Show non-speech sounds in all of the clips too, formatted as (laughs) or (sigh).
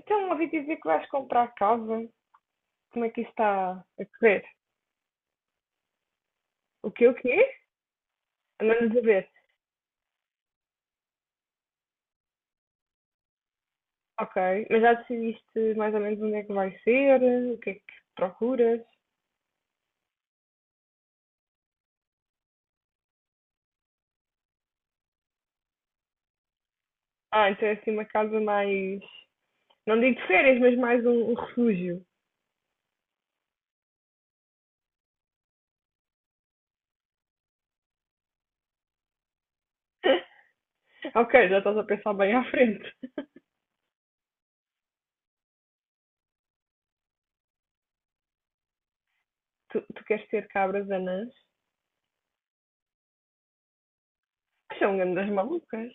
Então, ouvi dizer que vais comprar casa. Como é que isso está a correr? O quê? O quê? Andamos a ver. Ok, mas já decidiste mais ou menos onde é que vai ser? O que é que procuras? Ah, então é assim uma casa mais. Não digo de férias, mas mais um refúgio. (laughs) Ok, já estás a pensar bem à frente. Tu queres ter cabras anãs? Que são grandes malucas.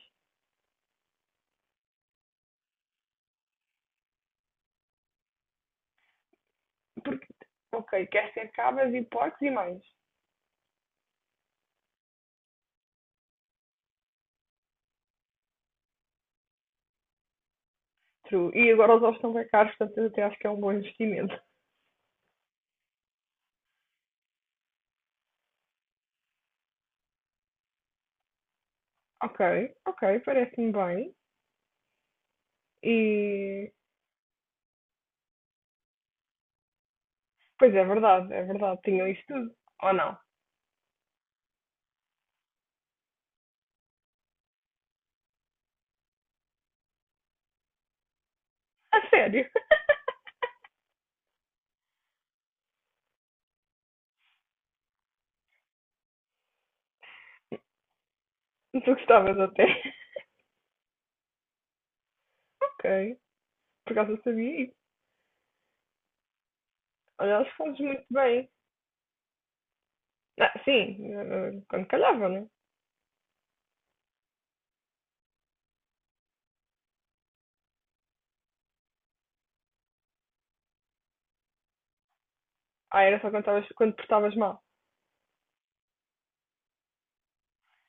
Ok, queres ter cabras e porcos e mais. True. E agora os ovos estão bem caros, portanto eu até acho que é um bom investimento. Ok, ok, parece-me bem. E. Pois é verdade, é verdade. Tinham isso tudo. Ou não? A sério? (laughs) Tu gostavas até. (laughs) Ok. Por acaso eu sabia isso. Olha, elas fazes muito bem. Ah, sim, quando calhava, né? Ah, era só quando portavas mal.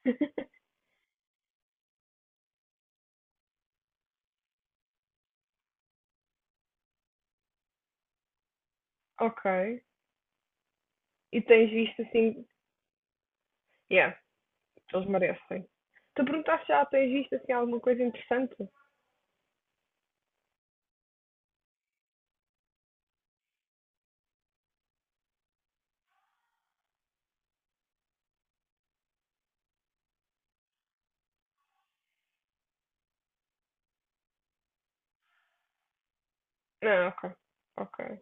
(laughs) Ok. E tens visto assim. Yeah, eles merecem. Tu perguntaste já, tens visto assim alguma coisa interessante? Não, ok. Ok.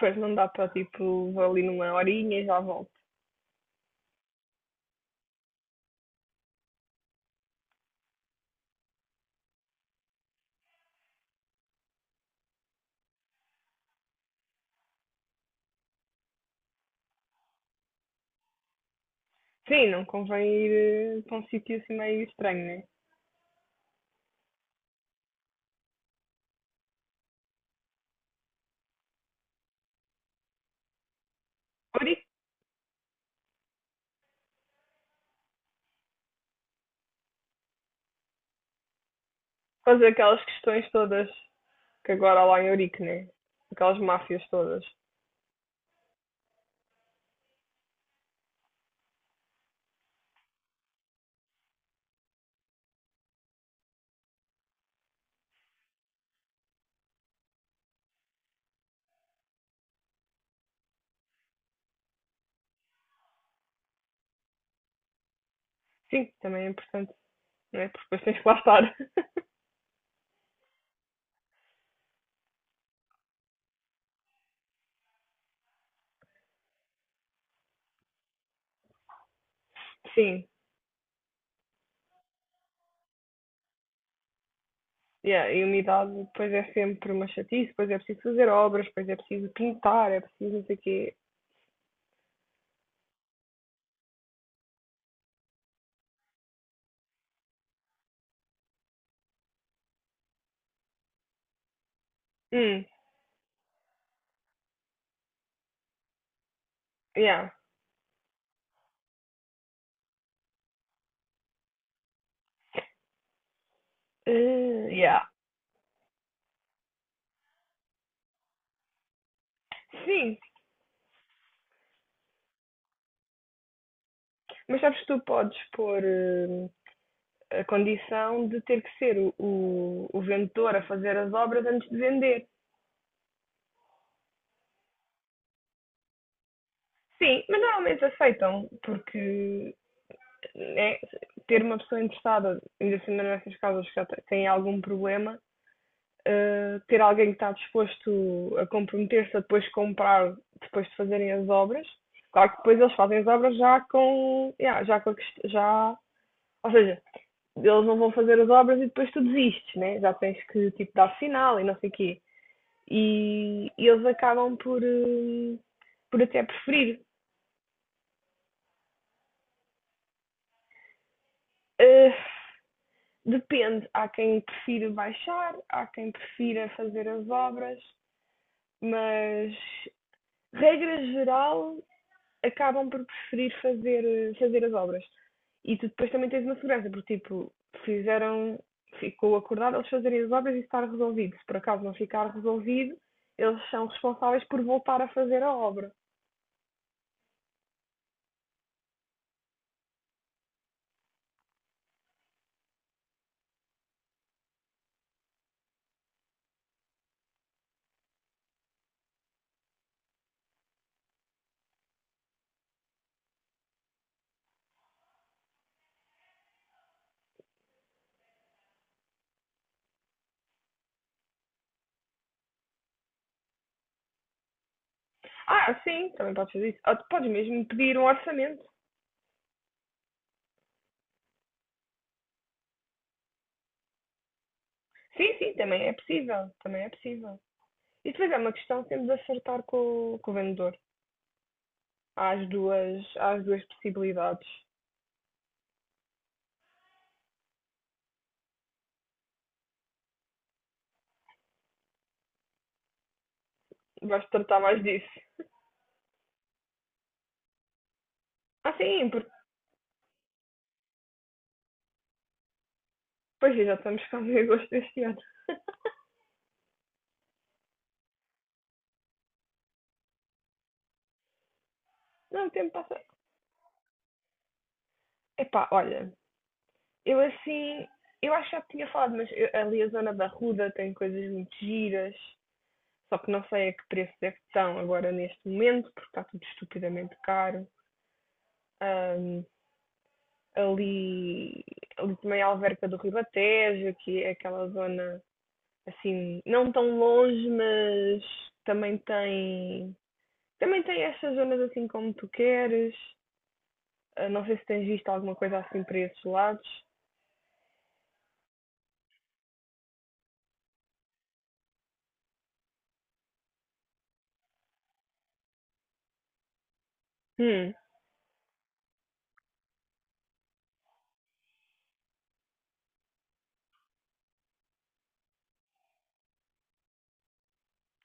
Pois não dá para tipo, vou ali numa horinha e já volto. Sim, não convém ir para um sítio assim meio estranho, né? Ourique, fazer aquelas questões todas que agora há lá em Ourique, né? Aquelas máfias todas. Sim, também é importante, né? Porque depois tens que lá estar. (laughs) Sim, yeah, e a umidade depois é sempre uma chatice, depois é preciso fazer obras, depois é preciso pintar, é preciso não sei o quê. Hum, yeah. Eh, yeah. Sim, mas sabes que tu podes pôr a condição de ter que ser o vendedor a fazer as obras antes de vender. Sim, mas normalmente aceitam, porque né, ter uma pessoa interessada, ainda assim nessas casas que já te- têm algum problema, ter alguém que está disposto a comprometer-se a depois comprar, depois de fazerem as obras, claro que depois eles fazem as obras já com, yeah, já com a já, ou seja, eles não vão fazer as obras e depois tu desistes, né? Já tens que tipo dar sinal e não sei o quê. E eles acabam por até preferir. Eh, Depende, há quem prefira baixar, há quem prefira fazer as obras, mas regra geral acabam por preferir fazer as obras. E tu depois também tens uma segurança, porque tipo, fizeram, ficou acordado eles fazerem as obras e estar resolvido. Se por acaso não ficar resolvido, eles são responsáveis por voltar a fazer a obra. Ah, sim, também podes fazer isso. Ou tu podes mesmo pedir um orçamento. Sim, sim, também é possível, também é possível. E depois é uma questão de temos de acertar com o vendedor. Há as duas possibilidades. Vais tratar mais disso. Ah, sim, porque pois é, já estamos com o agosto deste ano. (laughs) Não, o tempo passa. Epá, olha, eu assim, eu acho que já tinha falado, mas ali a zona da Ruda tem coisas muito giras, só que não sei a que preço é que estão agora neste momento, porque está tudo estupidamente caro. Ahm, ali, ali também a Alverca do Ribatejo, que é aquela zona assim, não tão longe, mas também tem, também tem estas zonas assim como tu queres. Ah, não sei se tens visto alguma coisa assim para esses lados. Hum,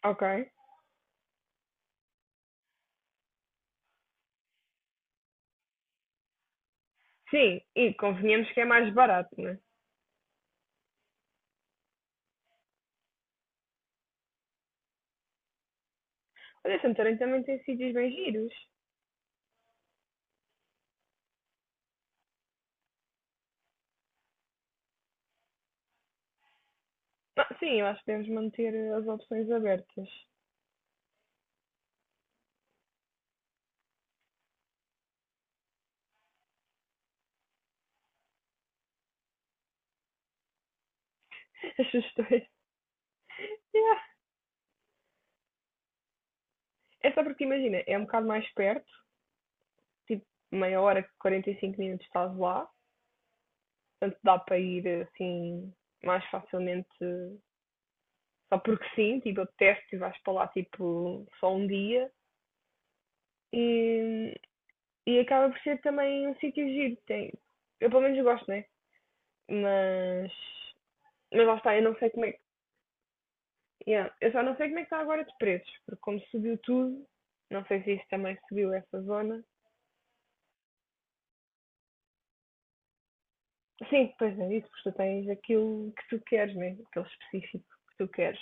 ok. Sim, e convenhamos que é mais barato, né? Olha, Santarém também tem sítios bem giros. Ah, sim, eu acho que devemos manter as opções abertas. (laughs) As sugestões. Yeah. É só porque, imagina, é um bocado mais perto, tipo meia hora, 45 minutos estás lá. Portanto, dá para ir assim mais facilmente só porque sim, tipo, apetece e vais para lá tipo só um dia e, e acaba por ser também um sítio giro. Tem, eu pelo menos gosto, né? Mas, mas lá está, eu não sei como é que. Yeah, eu só não sei como é que está agora de preços, porque como subiu tudo, não sei se isso também subiu essa zona. Sim, pois é, isso, porque tu tens aquilo que tu queres, né? Aquele específico que tu queres.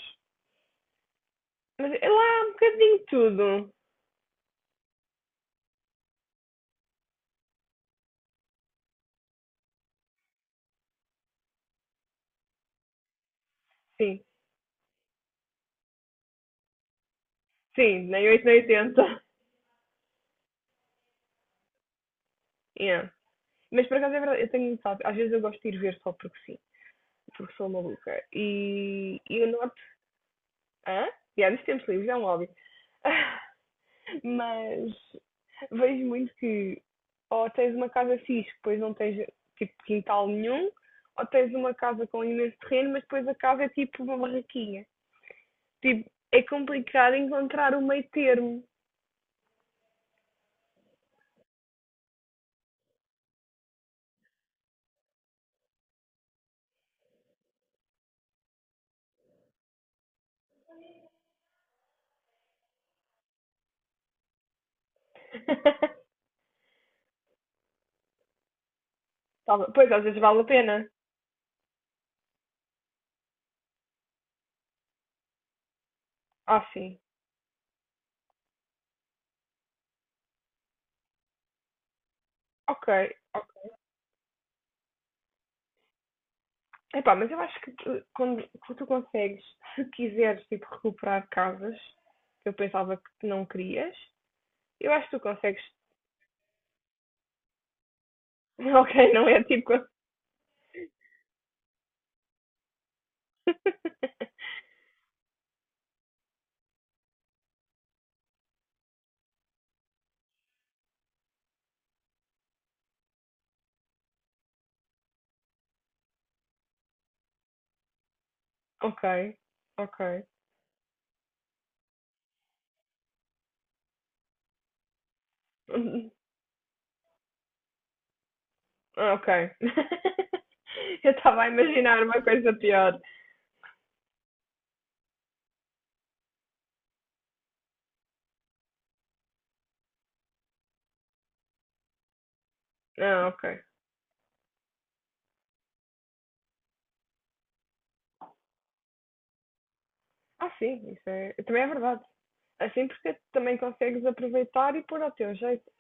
Mas é lá um bocadinho tudo. Sim, sim, nem 8 nem 80. Yeah. Mas por acaso é verdade, eu tenho, sabe, às vezes eu gosto de ir ver só porque sim, porque sou maluca. E eu noto. Hã? Yeah, dos tempos livres, é um hobby. (laughs) Mas vejo muito que ou tens uma casa fixe, depois não tens tipo quintal nenhum, ou tens uma casa com imenso terreno, mas depois a casa é tipo uma barraquinha. Tipo, é complicado encontrar o meio termo. (laughs) Tá pois, às vezes vale a pena. Ah, sim. Ok, epá, mas eu acho que tu, quando tu consegues, se quiseres tipo, recuperar casas que eu pensava que tu não querias, eu acho que tu consegues. (laughs) Ok, não é tipo. (laughs) Ok, ok. (laughs) Ok. (laughs) Eu estava a imaginar uma coisa pior. Ah, ok. Ah, sim, isso é. Também é verdade. Assim porque também consegues aproveitar e pôr ao teu jeito.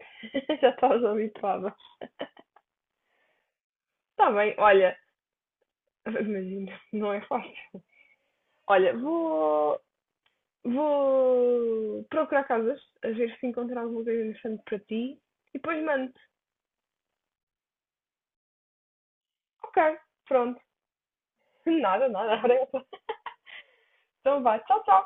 (laughs) Já estás habituada. Está bem, olha, (laughs) imagina, não é fácil. Olha, vou procurar casas, a ver se encontro alguma coisa interessante para ti e depois mando. Ok, pronto. Nada, nada. (laughs) Então vai, tchau, tchau.